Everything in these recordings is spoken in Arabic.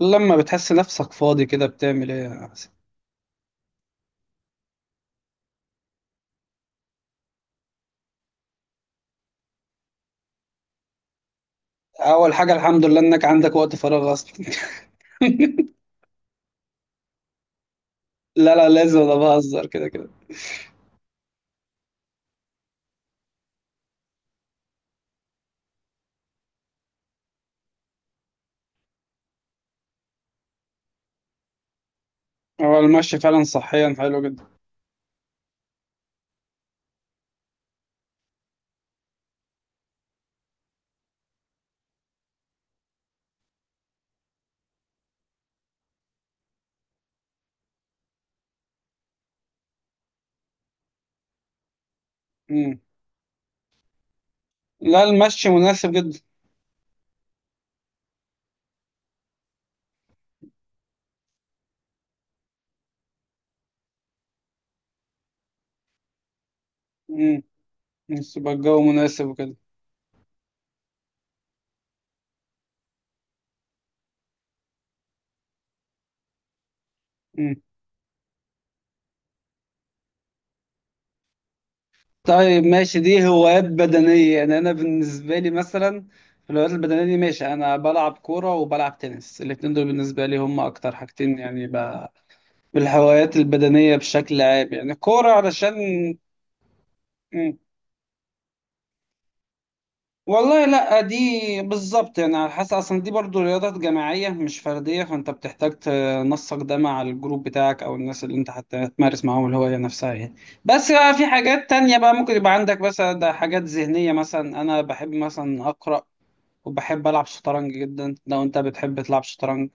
لما بتحس نفسك فاضي كده بتعمل ايه يا حسين؟ اول حاجه الحمد لله انك عندك وقت فراغ اصلا. لا لا، لازم انا بهزر كده كده. هو المشي فعلا صحيا حلو جدا. مم. لا المشي مناسب جدا. امم يبقى الجو مناسب وكده. مم. طيب ماشي، دي هوايات بدنيه. يعني انا بالنسبه لي مثلا في الهوايات البدنيه دي، ماشي، انا بلعب كوره وبلعب تنس. الاتنين دول بالنسبه لي هم اكتر حاجتين يعني ب... بالهوايات البدنيه بشكل عام، يعني الكوره علشان. مم. والله لا دي بالظبط، يعني على حسب، اصلا دي برضو رياضات جماعية مش فردية، فانت بتحتاج تنسق ده مع الجروب بتاعك او الناس اللي انت حتى تمارس معاهم الهواية نفسها يعني. بس بقى في حاجات تانية بقى ممكن يبقى عندك، مثلا ده حاجات ذهنية، مثلا انا بحب مثلا اقرأ، وبحب العب شطرنج جدا. لو انت بتحب تلعب شطرنج؟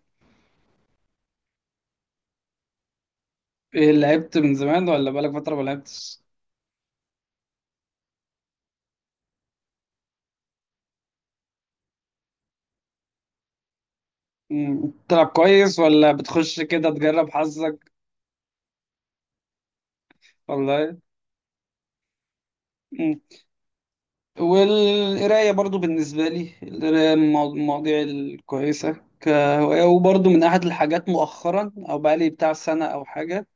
إيه، لعبت من زمان ولا بقالك فترة ما لعبتش؟ مم، بتلعب كويس ولا بتخش كده تجرب حظك ولا ايه؟ والقراية برضو بالنسبة لي، القراية من المواضيع الكويسة كهواية، وبرضو من أحد الحاجات مؤخرا، أو بقالي بتاع سنة أو حاجة.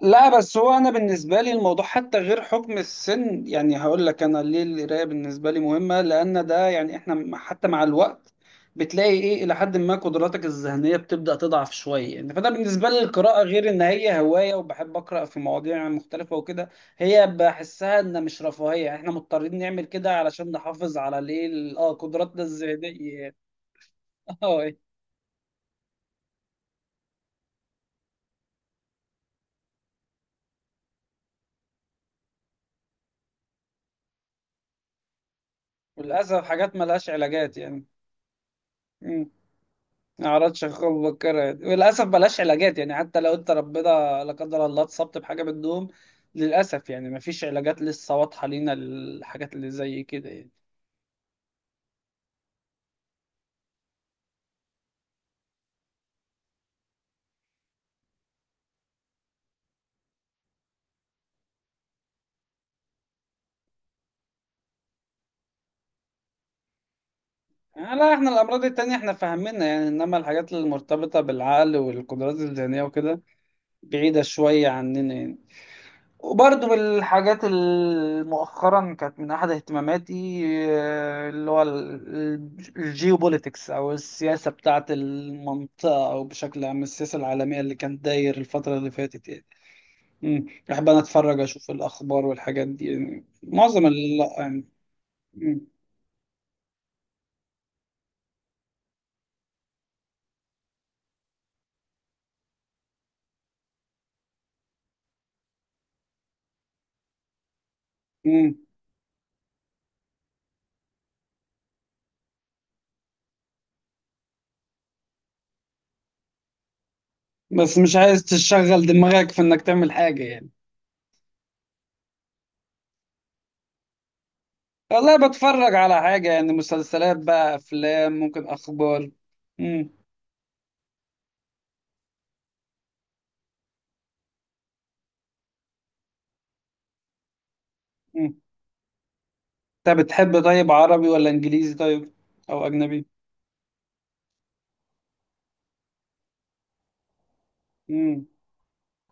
لا، بس هو انا بالنسبه لي الموضوع حتى غير حكم السن، يعني هقول لك انا ليه القرايه بالنسبه لي مهمه، لان ده يعني احنا حتى مع الوقت بتلاقي ايه الى حد ما قدراتك الذهنيه بتبدا تضعف شويه. يعني فانا بالنسبه لي القراءه غير ان هي هوايه وبحب اقرا في مواضيع مختلفه وكده، هي بحسها ان مش رفاهيه، يعني احنا مضطرين نعمل كده علشان نحافظ على ليه قدراتنا الذهنيه. اه، وللاسف حاجات ملهاش علاجات يعني. ما اعرفش اخوك بكرة، وللاسف بلاش علاجات، يعني حتى لو انت ربنا لا قدر الله اتصبت بحاجه من النوم، للاسف يعني ما فيش علاجات لسه واضحه لينا للحاجات اللي زي كده يعني. لا، احنا الامراض التانية احنا فاهمينها يعني، انما الحاجات المرتبطه بالعقل والقدرات الذهنيه وكده بعيده شويه عننا يعني. وبرضه من الحاجات اللي مؤخرا كانت من أحد اهتماماتي، اللي هو الجيوبوليتكس، أو السياسة بتاعة المنطقة، أو بشكل عام السياسة العالمية اللي كانت داير الفترة اللي فاتت يعني. مم. بحب أنا أتفرج أشوف الأخبار والحاجات دي، يعني معظم ال يعني. مم. مم. بس مش عايز تشغل دماغك في إنك تعمل حاجة يعني. والله بتفرج على حاجة، يعني مسلسلات بقى، أفلام، ممكن أخبار. مم. مم. انت بتحب طيب عربي ولا انجليزي، طيب او اجنبي؟ امم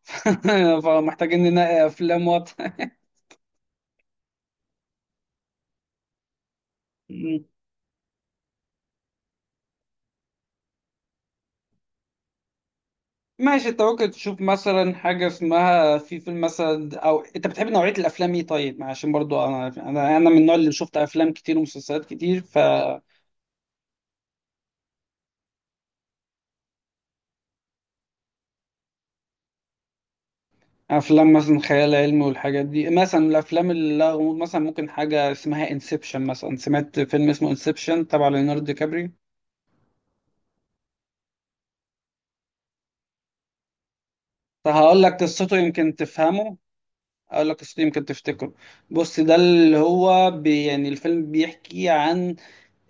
فمحتاجين ننقي افلام وطن. مم. ماشي، انت ممكن تشوف مثلا حاجه اسمها، في فيلم مثلا، او انت بتحب نوعيه الافلام ايه طيب؟ عشان برضو انا انا من النوع اللي شفت افلام كتير ومسلسلات كتير. فافلام مثلا خيال علمي والحاجات دي، مثلا الافلام اللي لها غموض مثلا، ممكن حاجه اسمها انسبشن، مثلا سمعت فيلم اسمه انسبشن تبع ليوناردو دي كابري؟ فهقول لك قصته يمكن تفهمه، اقول لك قصته يمكن تفتكره. بص، ده اللي هو بي يعني الفيلم بيحكي عن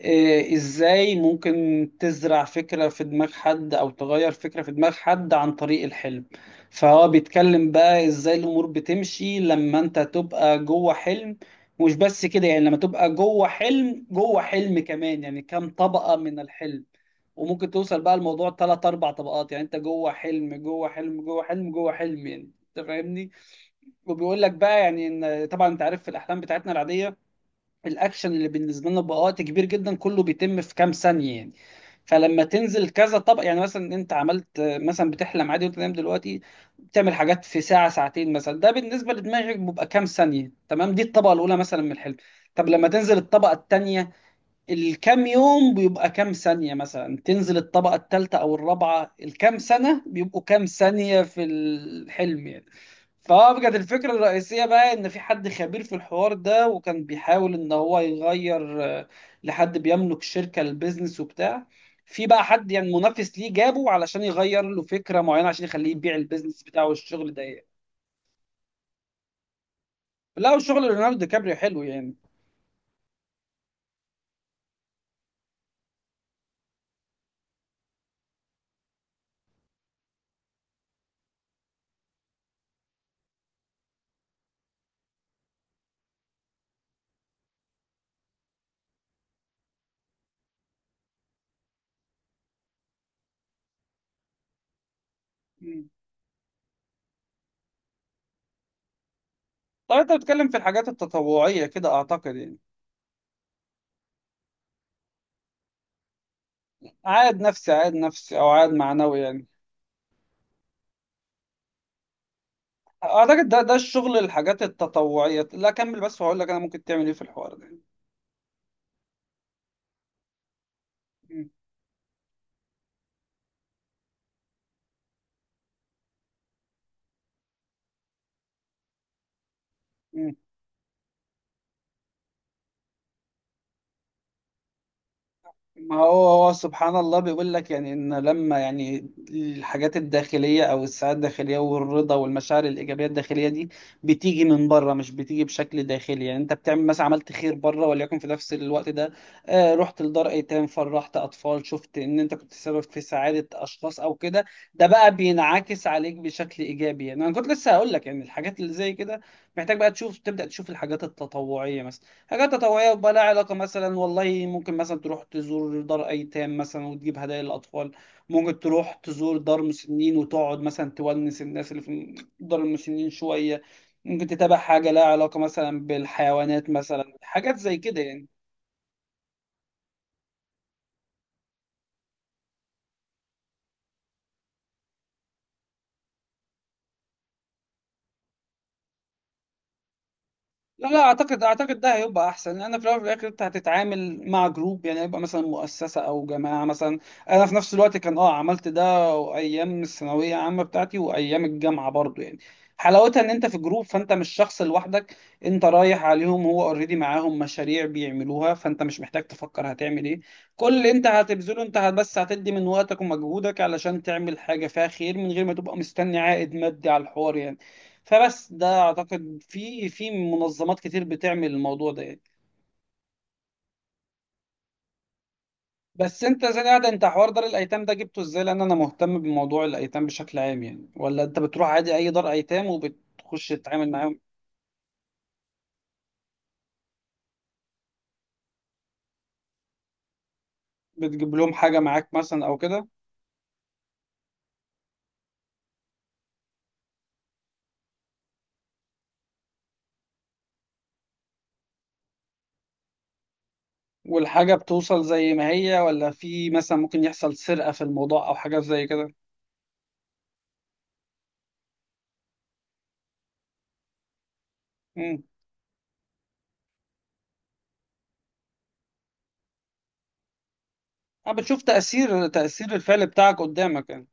ازاي ممكن تزرع فكرة في دماغ حد او تغير فكرة في دماغ حد عن طريق الحلم. فهو بيتكلم بقى ازاي الامور بتمشي لما انت تبقى جوه حلم. مش بس كده، يعني لما تبقى جوه حلم جوه حلم كمان، يعني كام طبقة من الحلم. وممكن توصل بقى الموضوع ثلاث اربع طبقات، يعني انت جوه حلم جوه حلم جوه حلم جوه حلم يعني. انت فاهمني. وبيقول لك بقى يعني ان، طبعا انت عارف في الاحلام بتاعتنا العاديه، الاكشن اللي بالنسبه لنا بقى وقت كبير جدا كله بيتم في كام ثانيه يعني. فلما تنزل كذا طبق، يعني مثلا انت عملت مثلا، بتحلم عادي وانت نايم دلوقتي، بتعمل حاجات في ساعه ساعتين مثلا، ده بالنسبه لدماغك بيبقى كام ثانيه. تمام، دي الطبقه الاولى مثلا من الحلم. طب لما تنزل الطبقه الثانيه، الكام يوم بيبقى كام ثانية. مثلا تنزل الطبقة الثالثة أو الرابعة، الكام سنة بيبقوا كام ثانية في الحلم يعني. فكانت الفكرة الرئيسية بقى إن في حد خبير في الحوار ده، وكان بيحاول إن هو يغير، لحد بيملك شركة، البيزنس وبتاع، في بقى حد يعني منافس ليه، جابه علشان يغير له فكرة معينة عشان يخليه يبيع البيزنس بتاعه والشغل ده يعني. لا، وشغل ليوناردو دي كابريو حلو يعني. مم. طيب أنت بتتكلم في الحاجات التطوعية كده أعتقد يعني، عائد نفسي، عائد نفسي او عائد معنوي يعني. اعتقد ده الشغل، الحاجات التطوعيه، لا كمل بس وهقول لك انا ممكن تعمل ايه في الحوار ده. م- م. ما هو، هو سبحان الله بيقول لك يعني ان، لما يعني الحاجات الداخليه او السعاده الداخليه والرضا والمشاعر الايجابيه الداخليه دي بتيجي من بره، مش بتيجي بشكل داخلي. يعني انت بتعمل مثلا، عملت خير بره، وليكن في نفس الوقت ده آه رحت لدار ايتام، فرحت اطفال، شفت ان انت كنت سبب في سعاده اشخاص او كده، ده بقى بينعكس عليك بشكل ايجابي. يعني انا كنت لسه هقول لك يعني الحاجات اللي زي كده، محتاج بقى تشوف، تبدا تشوف الحاجات التطوعيه مثلا. حاجات تطوعية بقى لها علاقة مثلا، والله ممكن مثلا تروح تزور دار أيتام مثلا وتجيب هدايا للأطفال، ممكن تروح تزور دار مسنين وتقعد مثلا تونس الناس اللي في دار المسنين شوية، ممكن تتابع حاجة لها علاقة مثلا بالحيوانات، مثلا حاجات زي كده يعني. لا لا، اعتقد ده هيبقى احسن، لان في الاول وفي الاخر انت هتتعامل مع جروب، يعني هيبقى مثلا مؤسسه او جماعه مثلا. انا في نفس الوقت كان اه عملت ده ايام الثانويه عامه بتاعتي وايام الجامعه برضو يعني. حلاوتها ان انت في جروب، فانت مش شخص لوحدك، انت رايح عليهم هو اوريدي معاهم مشاريع بيعملوها، فانت مش محتاج تفكر هتعمل ايه. كل اللي انت هتبذله انت هت- بس هتدي من وقتك ومجهودك علشان تعمل حاجه فيها خير، من غير ما تبقى مستني عائد مادي على الحوار يعني. فبس ده، اعتقد في منظمات كتير بتعمل الموضوع ده يعني. بس انت زي قاعد، انت حوار دار الايتام ده جبته ازاي؟ لان انا مهتم بموضوع الايتام بشكل عام يعني. ولا انت بتروح عادي اي دار ايتام وبتخش تتعامل معاهم؟ بتجيب لهم حاجة معاك مثلا او كده؟ والحاجة بتوصل زي ما هي، ولا في مثلا ممكن يحصل سرقة في الموضوع او حاجة زي كده؟ امم انا بتشوف تأثير، تأثير الفعل بتاعك قدامك يعني.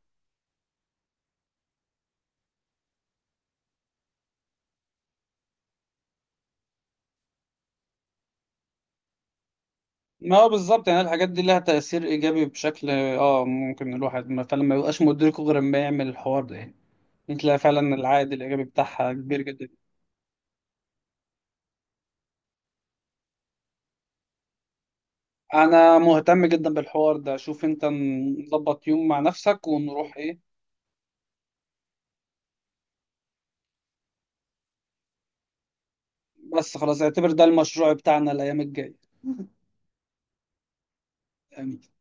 ما هو بالظبط، يعني الحاجات دي لها تأثير إيجابي بشكل اه، ممكن الواحد فعلا ما يبقاش مدركه غير لما يعمل الحوار ده يعني. انت لا فعلا العائد الإيجابي بتاعها كبير جدا. أنا مهتم جدا بالحوار ده، شوف انت نظبط يوم مع نفسك ونروح ايه. بس خلاص، اعتبر ده المشروع بتاعنا الأيام الجاية. يعني.